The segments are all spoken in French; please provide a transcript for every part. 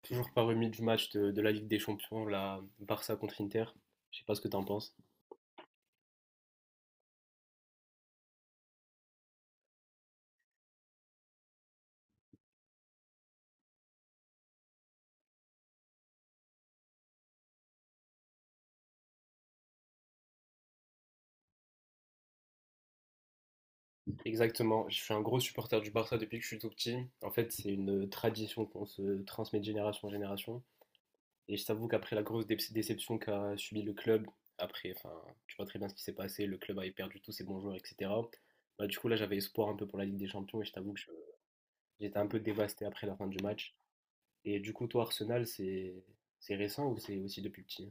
Toujours pas remis du match de la Ligue des Champions, la Barça contre Inter. Je sais pas ce que t'en penses. Exactement, je suis un gros supporter du Barça depuis que je suis tout petit. En fait, c'est une tradition qu'on se transmet de génération en génération. Et je t'avoue qu'après la grosse déception qu'a subi le club, après, enfin, tu vois très bien ce qui s'est passé, le club avait perdu tous ses bons joueurs, etc. Bah, du coup, là, j'avais espoir un peu pour la Ligue des Champions et je t'avoue que j'étais un peu dévasté après la fin du match. Et du coup, toi, Arsenal, c'est récent ou c'est aussi depuis petit?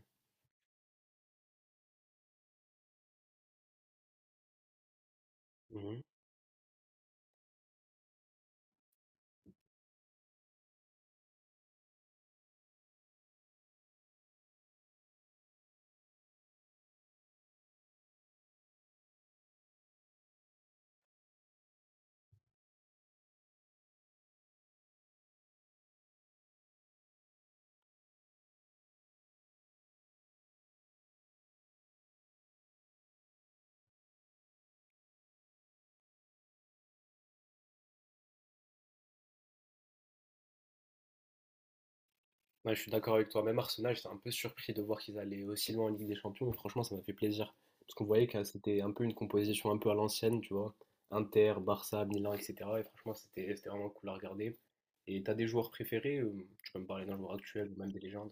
Ouais, je suis d'accord avec toi. Même Arsenal, j'étais un peu surpris de voir qu'ils allaient aussi loin en Ligue des Champions. Mais franchement, ça m'a fait plaisir. Parce qu'on voyait que c'était un peu une composition un peu à l'ancienne, tu vois. Inter, Barça, Milan, etc. Et franchement, c'était vraiment cool à regarder. Et t'as des joueurs préférés? Tu peux me parler d'un joueur actuel ou même des légendes?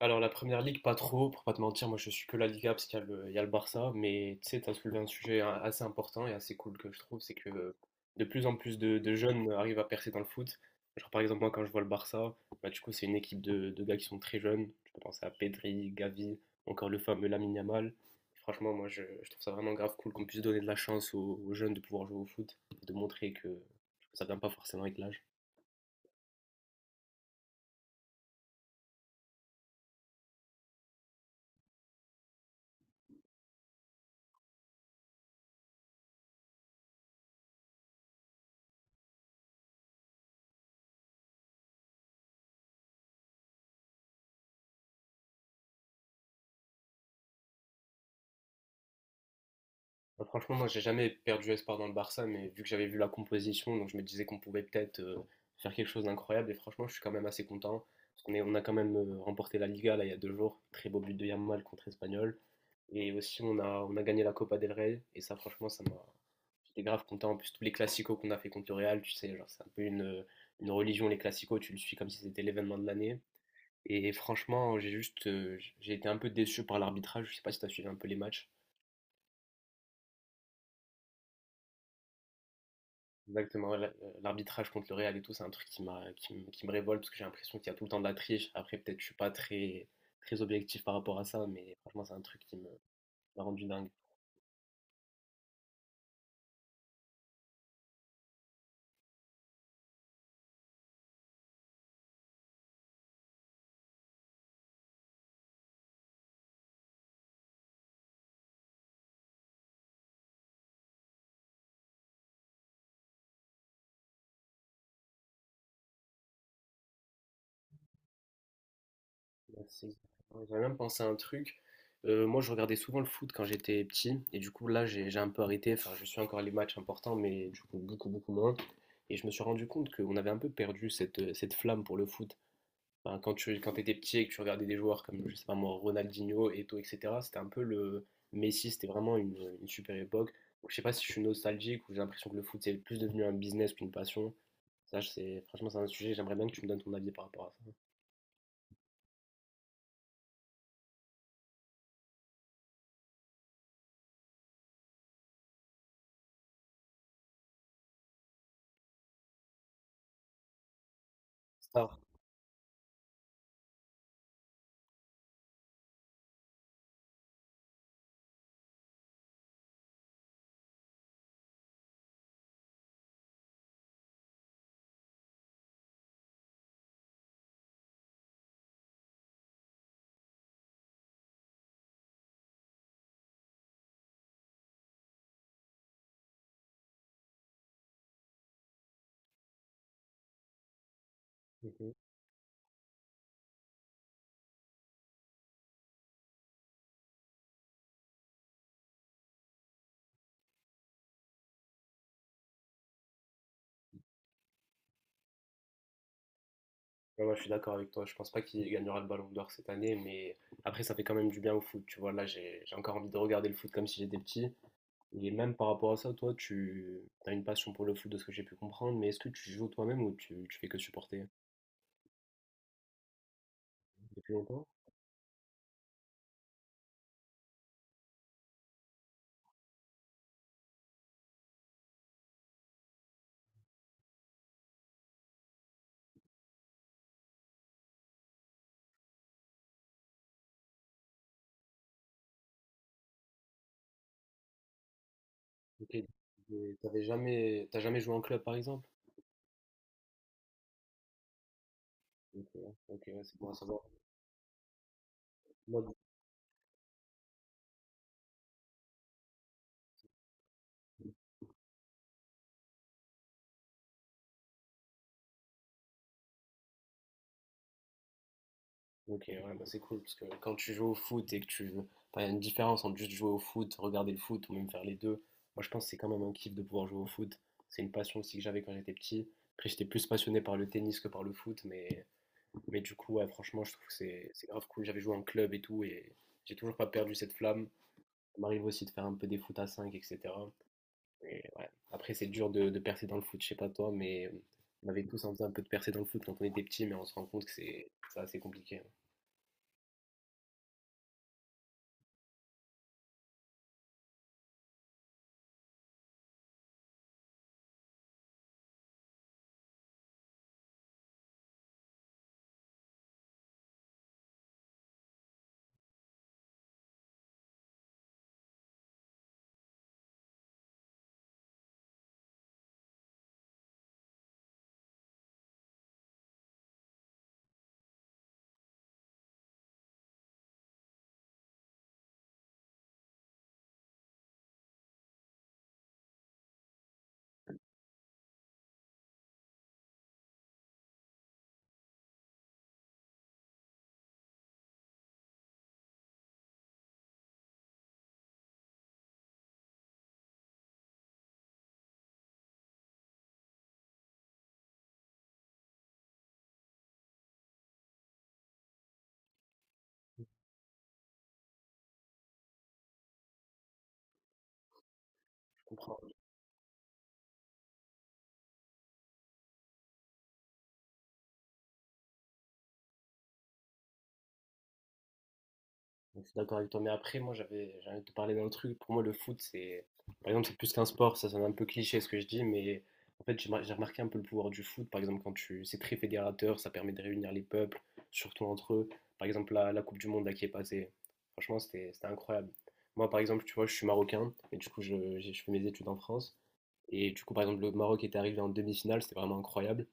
Alors la première ligue, pas trop, pour pas te mentir, moi je suis que la Liga parce qu'il y a le, il y a le Barça, mais tu sais, t'as soulevé un sujet assez important et assez cool que je trouve, c'est que de plus en plus de jeunes arrivent à percer dans le foot. Genre par exemple moi quand je vois le Barça, bah, du coup c'est une équipe de gars qui sont très jeunes, tu peux penser à Pedri, Gavi, encore le fameux Lamine Yamal. Franchement moi je trouve ça vraiment grave cool qu'on puisse donner de la chance aux jeunes de pouvoir jouer au foot et de montrer que ça vient pas forcément avec l'âge. Bah, franchement, moi, j'ai jamais perdu espoir dans le Barça, mais vu que j'avais vu la composition, donc je me disais qu'on pouvait peut-être faire quelque chose d'incroyable. Et franchement, je suis quand même assez content. Parce on a quand même remporté la Liga là, il y a deux jours. Très beau but de Yamal contre Espanyol. Et aussi, on a gagné la Copa del Rey. Et ça, franchement, ça m'a. J'étais grave content. En plus, tous les classicos qu'on a fait contre le Real, tu sais, genre, c'est un peu une religion, les classicos. Tu le suis comme si c'était l'événement de l'année. Et franchement, j'ai juste. J'ai été un peu déçu par l'arbitrage. Je sais pas si tu as suivi un peu les matchs. Exactement, ouais. L'arbitrage contre le Real et tout, c'est un truc qui qui me révolte parce que j'ai l'impression qu'il y a tout le temps de la triche. Après, peut-être je suis pas très objectif par rapport à ça, mais franchement, c'est un truc qui me m'a rendu dingue. Merci, exactement. J'avais même pensé à un truc. Moi, je regardais souvent le foot quand j'étais petit, et du coup, là, j'ai un peu arrêté. Enfin, je suis encore les matchs importants, mais du coup, beaucoup moins. Et je me suis rendu compte qu'on avait un peu perdu cette flamme pour le foot. Enfin, quand t'étais petit et que tu regardais des joueurs comme, je sais pas moi, Ronaldinho, Eto'o, etc., c'était un peu le Messi, c'était vraiment une super époque. Donc, je sais pas si je suis nostalgique ou j'ai l'impression que le foot, c'est plus devenu un business qu'une passion. Ça, c'est franchement, c'est un sujet, j'aimerais bien que tu me donnes ton avis par rapport à ça. Star. Ouais, ouais, je suis d'accord avec toi. Je pense pas qu'il gagnera le Ballon d'Or cette année, mais après, ça fait quand même du bien au foot. Tu vois, là, j'ai encore envie de regarder le foot comme si j'étais petit. Et même par rapport à ça, toi, tu as une passion pour le foot de ce que j'ai pu comprendre, mais est-ce que tu joues toi-même ou tu fais que supporter depuis longtemps? Ok. Et t'avais jamais, t'as jamais joué en club, par exemple? Ok, ok, ouais, c'est bon à savoir. Moi, ok, ouais, bah c'est cool parce que quand tu joues au foot et que tu. Enfin, il y a une différence entre juste jouer au foot, regarder le foot ou même faire les deux. Moi, je pense que c'est quand même un kiff de pouvoir jouer au foot. C'est une passion aussi que j'avais quand j'étais petit. Après, j'étais plus passionné par le tennis que par le foot, mais du coup, ouais, franchement, je trouve que c'est grave cool. J'avais joué en club et tout et j'ai toujours pas perdu cette flamme. Ça m'arrive aussi de faire un peu des foot à 5, etc. Et ouais. Après, c'est dur de percer dans le foot, je sais pas toi, mais on avait tous envie un peu de percer dans le foot quand on était petit, mais on se rend compte que c'est assez compliqué. Je comprends. Donc, je suis d'accord avec toi, mais après, moi, j'ai envie de te parler d'un truc. Pour moi, le foot, c'est, par exemple, c'est plus qu'un sport. Ça, sonne un peu cliché ce que je dis, mais en fait, j'ai remarqué un peu le pouvoir du foot. Par exemple, c'est très fédérateur, ça permet de réunir les peuples, surtout entre eux. Par exemple, la Coupe du Monde là, qui est passée, franchement, c'était incroyable. Moi, par exemple, tu vois, je suis marocain, et du coup, je fais mes études en France. Et du coup, par exemple, le Maroc était arrivé en demi-finale, c'était vraiment incroyable.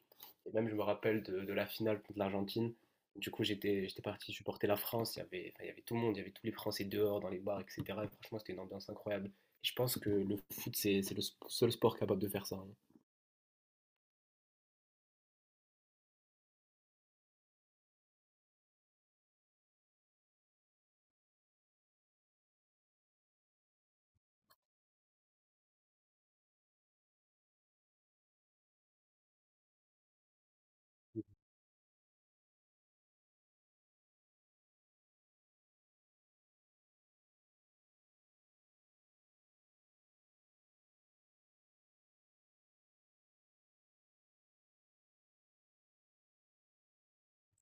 Et même, je me rappelle de la finale contre l'Argentine. Du coup, j'étais parti supporter la France. Il y avait tout le monde, il y avait tous les Français dehors, dans les bars, etc. Et franchement, c'était une ambiance incroyable. Et je pense que le foot, c'est le seul sport capable de faire ça, hein.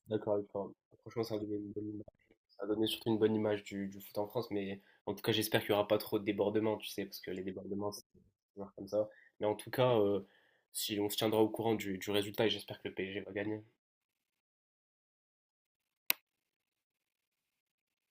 D'accord avec toi. Franchement, ça a donné une bonne image. Ça a donné surtout une bonne image du foot en France. Mais en tout cas, j'espère qu'il n'y aura pas trop de débordements, tu sais, parce que les débordements, c'est toujours comme ça. Mais en tout cas, si on se tiendra au courant du résultat, et j'espère que le PSG va gagner.